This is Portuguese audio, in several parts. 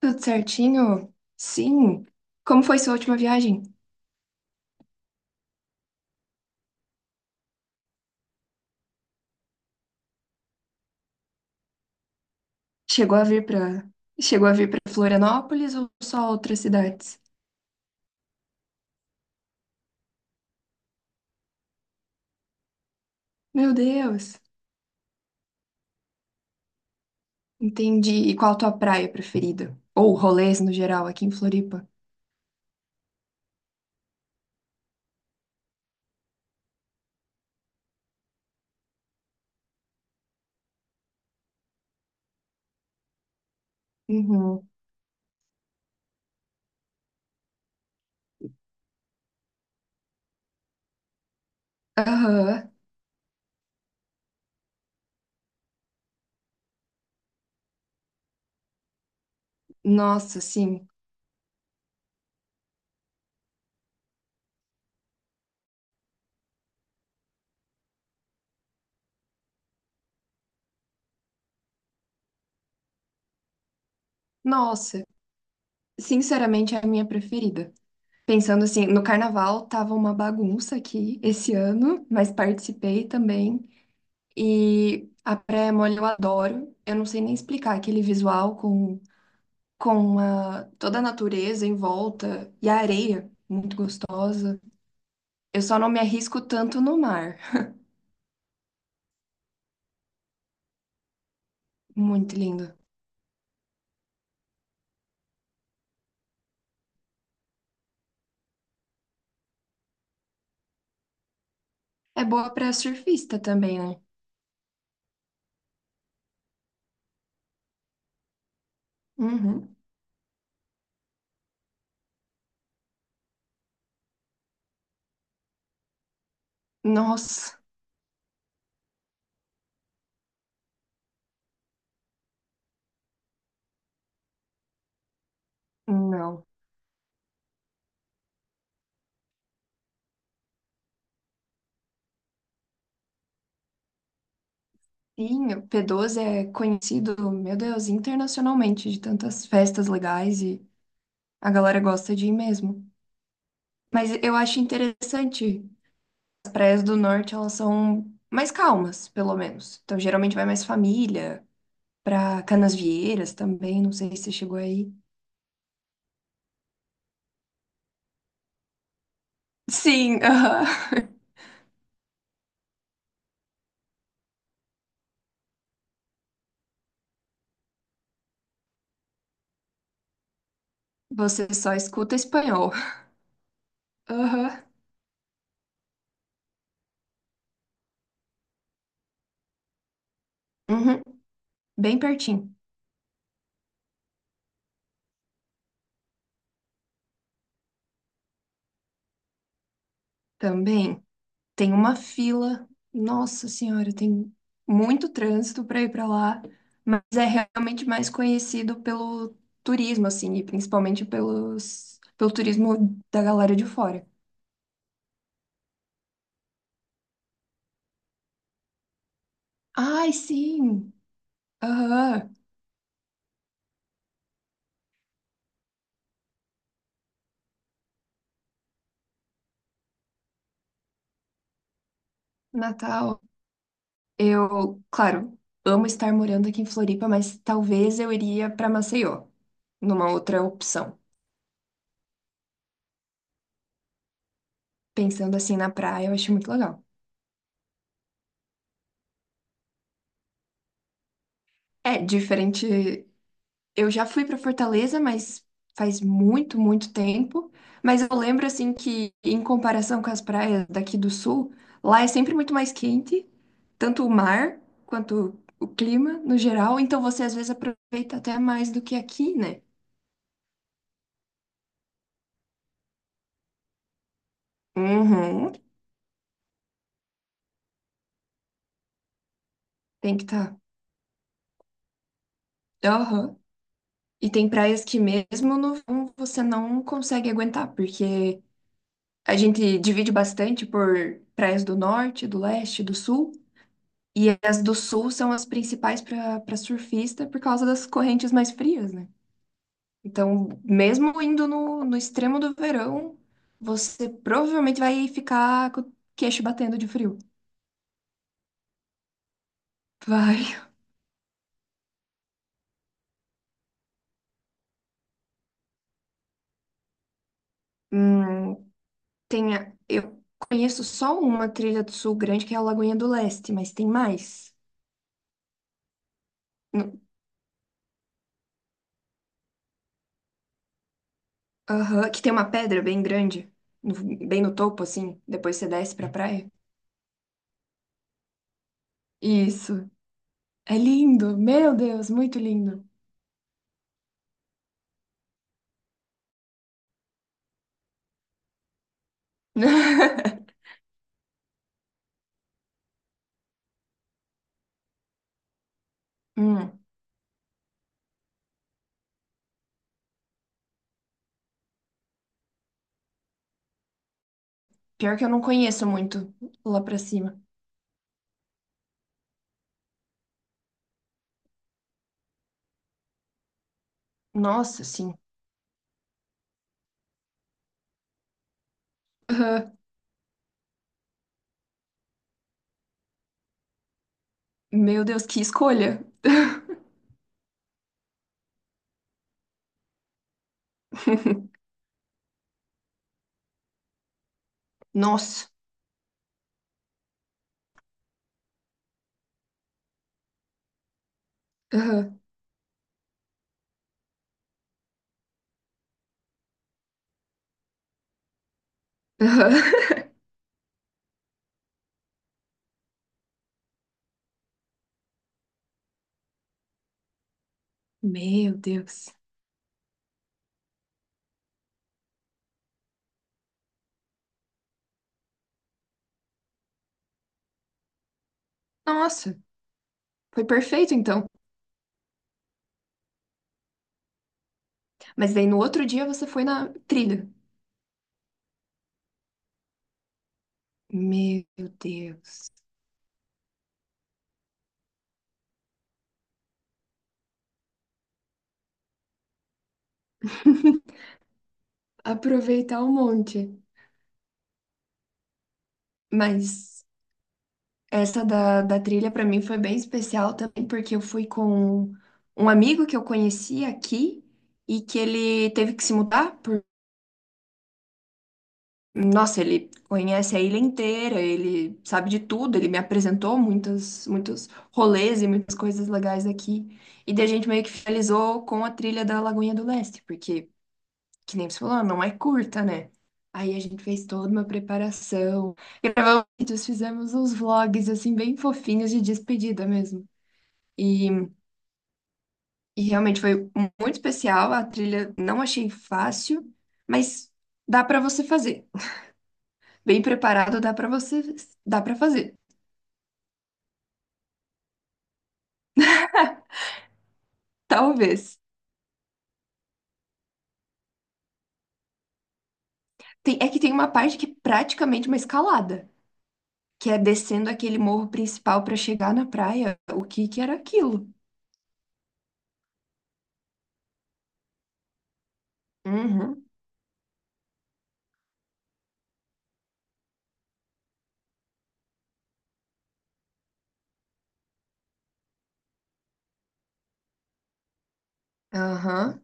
Tudo certinho? Sim. Como foi sua última viagem? Chegou a vir para Chegou a vir para Florianópolis ou só outras cidades? Meu Deus. Entendi. E qual a tua praia preferida? Ou rolês no geral aqui em Floripa? Uhum. Aham. Nossa, sim. Nossa, sinceramente é a minha preferida. Pensando assim, no carnaval tava uma bagunça aqui esse ano, mas participei também. E a praia mole eu adoro. Eu não sei nem explicar aquele visual com, toda a natureza em volta e a areia, muito gostosa. Eu só não me arrisco tanto no mar. Muito lindo. É boa pra surfista também, né? Uhum. Nossa, não. Sim, o P12 é conhecido, meu Deus, internacionalmente de tantas festas legais e a galera gosta de ir mesmo. Mas eu acho interessante praias do norte, elas são mais calmas, pelo menos. Então, geralmente vai mais família, pra Canasvieiras também, não sei se você chegou aí. Sim, aham. Você só escuta espanhol. Aham. Uhum. Bem pertinho. Também tem uma fila. Nossa Senhora, tem muito trânsito para ir para lá, mas é realmente mais conhecido pelo turismo, assim, e principalmente pelo turismo da galera de fora. Ai, sim! Aham. Natal, eu, claro, amo estar morando aqui em Floripa, mas talvez eu iria para Maceió, numa outra opção. Pensando assim na praia, eu acho muito legal. É diferente. Eu já fui para Fortaleza, mas faz muito, muito tempo. Mas eu lembro assim que, em comparação com as praias daqui do sul, lá é sempre muito mais quente, tanto o mar quanto o clima no geral. Então você às vezes aproveita até mais do que aqui, né? Uhum, tem que estar. Tá. E tem praias que mesmo no verão você não consegue aguentar, porque a gente divide bastante por praias do norte, do leste, do sul, e as do sul são as principais para para surfista por causa das correntes mais frias, né? Então, mesmo indo no extremo do verão, você provavelmente vai ficar com o queixo batendo de frio. Vai. Hum, eu conheço só uma trilha do sul grande, que é a Lagoinha do Leste, mas tem mais. Aham, que tem uma pedra bem grande, no- bem no topo, assim. Depois você desce pra praia. Isso. É lindo. Meu Deus, muito lindo. Hum, pior que eu não conheço muito lá pra cima. Nossa, sim. Aham. Meu Deus, que escolha. Nossa. Aham. Aham. Meu Deus. Nossa, foi perfeito então. Mas daí no outro dia você foi na trilha. Meu Deus. Aproveitar um monte. Mas. Essa da trilha para mim foi bem especial também, porque eu fui com um amigo que eu conheci aqui e que ele teve que se mudar por... Nossa, ele conhece a ilha inteira, ele sabe de tudo, ele me apresentou muitos, muitos rolês e muitas coisas legais aqui. E daí a gente meio que finalizou com a trilha da Lagoinha do Leste, porque, que nem você falou, não é curta, né? Aí a gente fez toda uma preparação, gravamos vídeos, fizemos uns vlogs, assim, bem fofinhos de despedida mesmo. E, e realmente foi muito especial. A trilha não achei fácil, mas dá pra você fazer. Bem preparado, dá pra você, dá para fazer. Talvez. É que tem uma parte que é praticamente uma escalada, que é descendo aquele morro principal pra chegar na praia. O que que era aquilo? Uhum. Aham.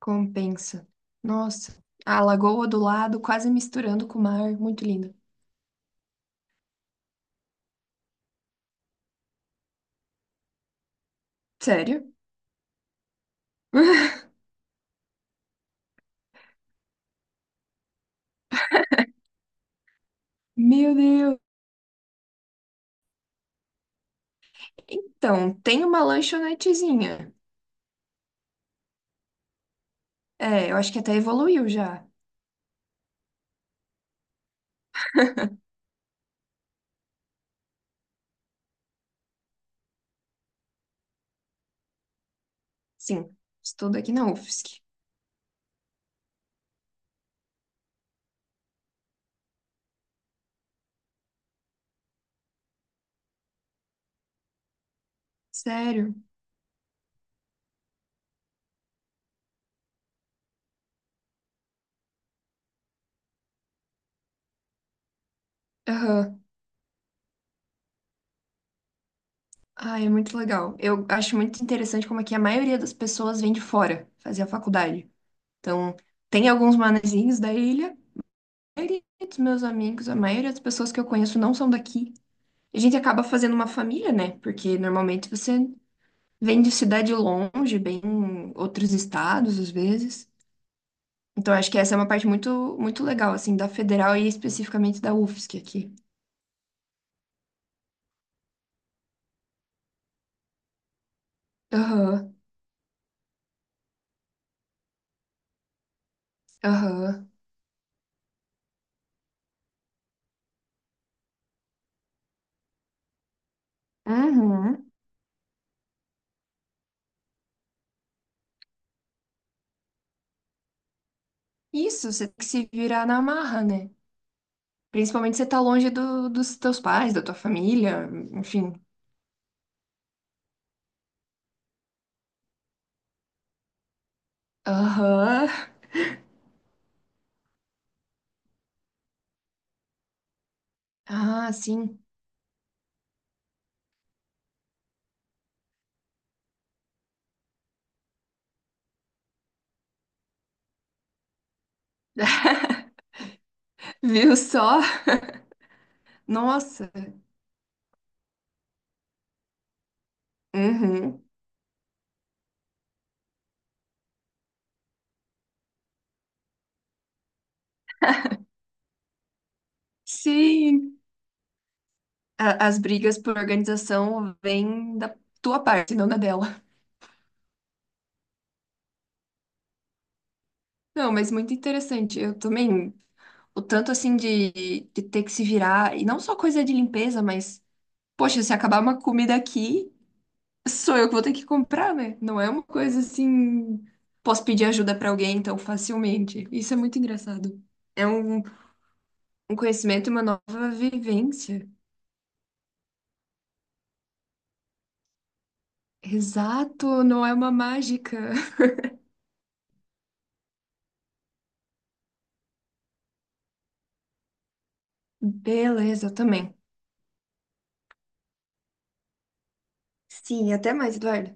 Compensa. Nossa. A lagoa do lado, quase misturando com o mar. Muito lindo. Sério? Meu Deus. Então, tem uma lanchonetezinha. É, eu acho que até evoluiu já. Sim, estudo aqui na UFSC. Sério? Aham. Ah, é muito legal. Eu acho muito interessante como é que a maioria das pessoas vem de fora fazer a faculdade. Então, tem alguns manezinhos da ilha. A maioria dos meus amigos, a maioria das pessoas que eu conheço não são daqui. A gente acaba fazendo uma família, né? Porque normalmente você vem de cidade longe, bem em outros estados, às vezes. Então, acho que essa é uma parte muito, muito legal, assim, da federal e especificamente da UFSC aqui. Aham, aham. Uhum. Isso, você tem que se virar na marra, né? Principalmente se você tá longe dos teus pais, da tua família, enfim. Aham. Ah, sim. Viu só? Nossa. Uhum. Sim. As brigas por organização vêm da tua parte, não da dela. Não, mas muito interessante. Eu também, o tanto assim de ter que se virar, e não só coisa de limpeza, mas, poxa, se acabar uma comida aqui. Sou eu que vou ter que comprar, né? Não é uma coisa assim. Posso pedir ajuda pra alguém tão facilmente. Isso é muito engraçado. É um, um conhecimento e uma nova vivência. Exato, não é uma mágica. Beleza, eu também. Sim, até mais, Eduardo.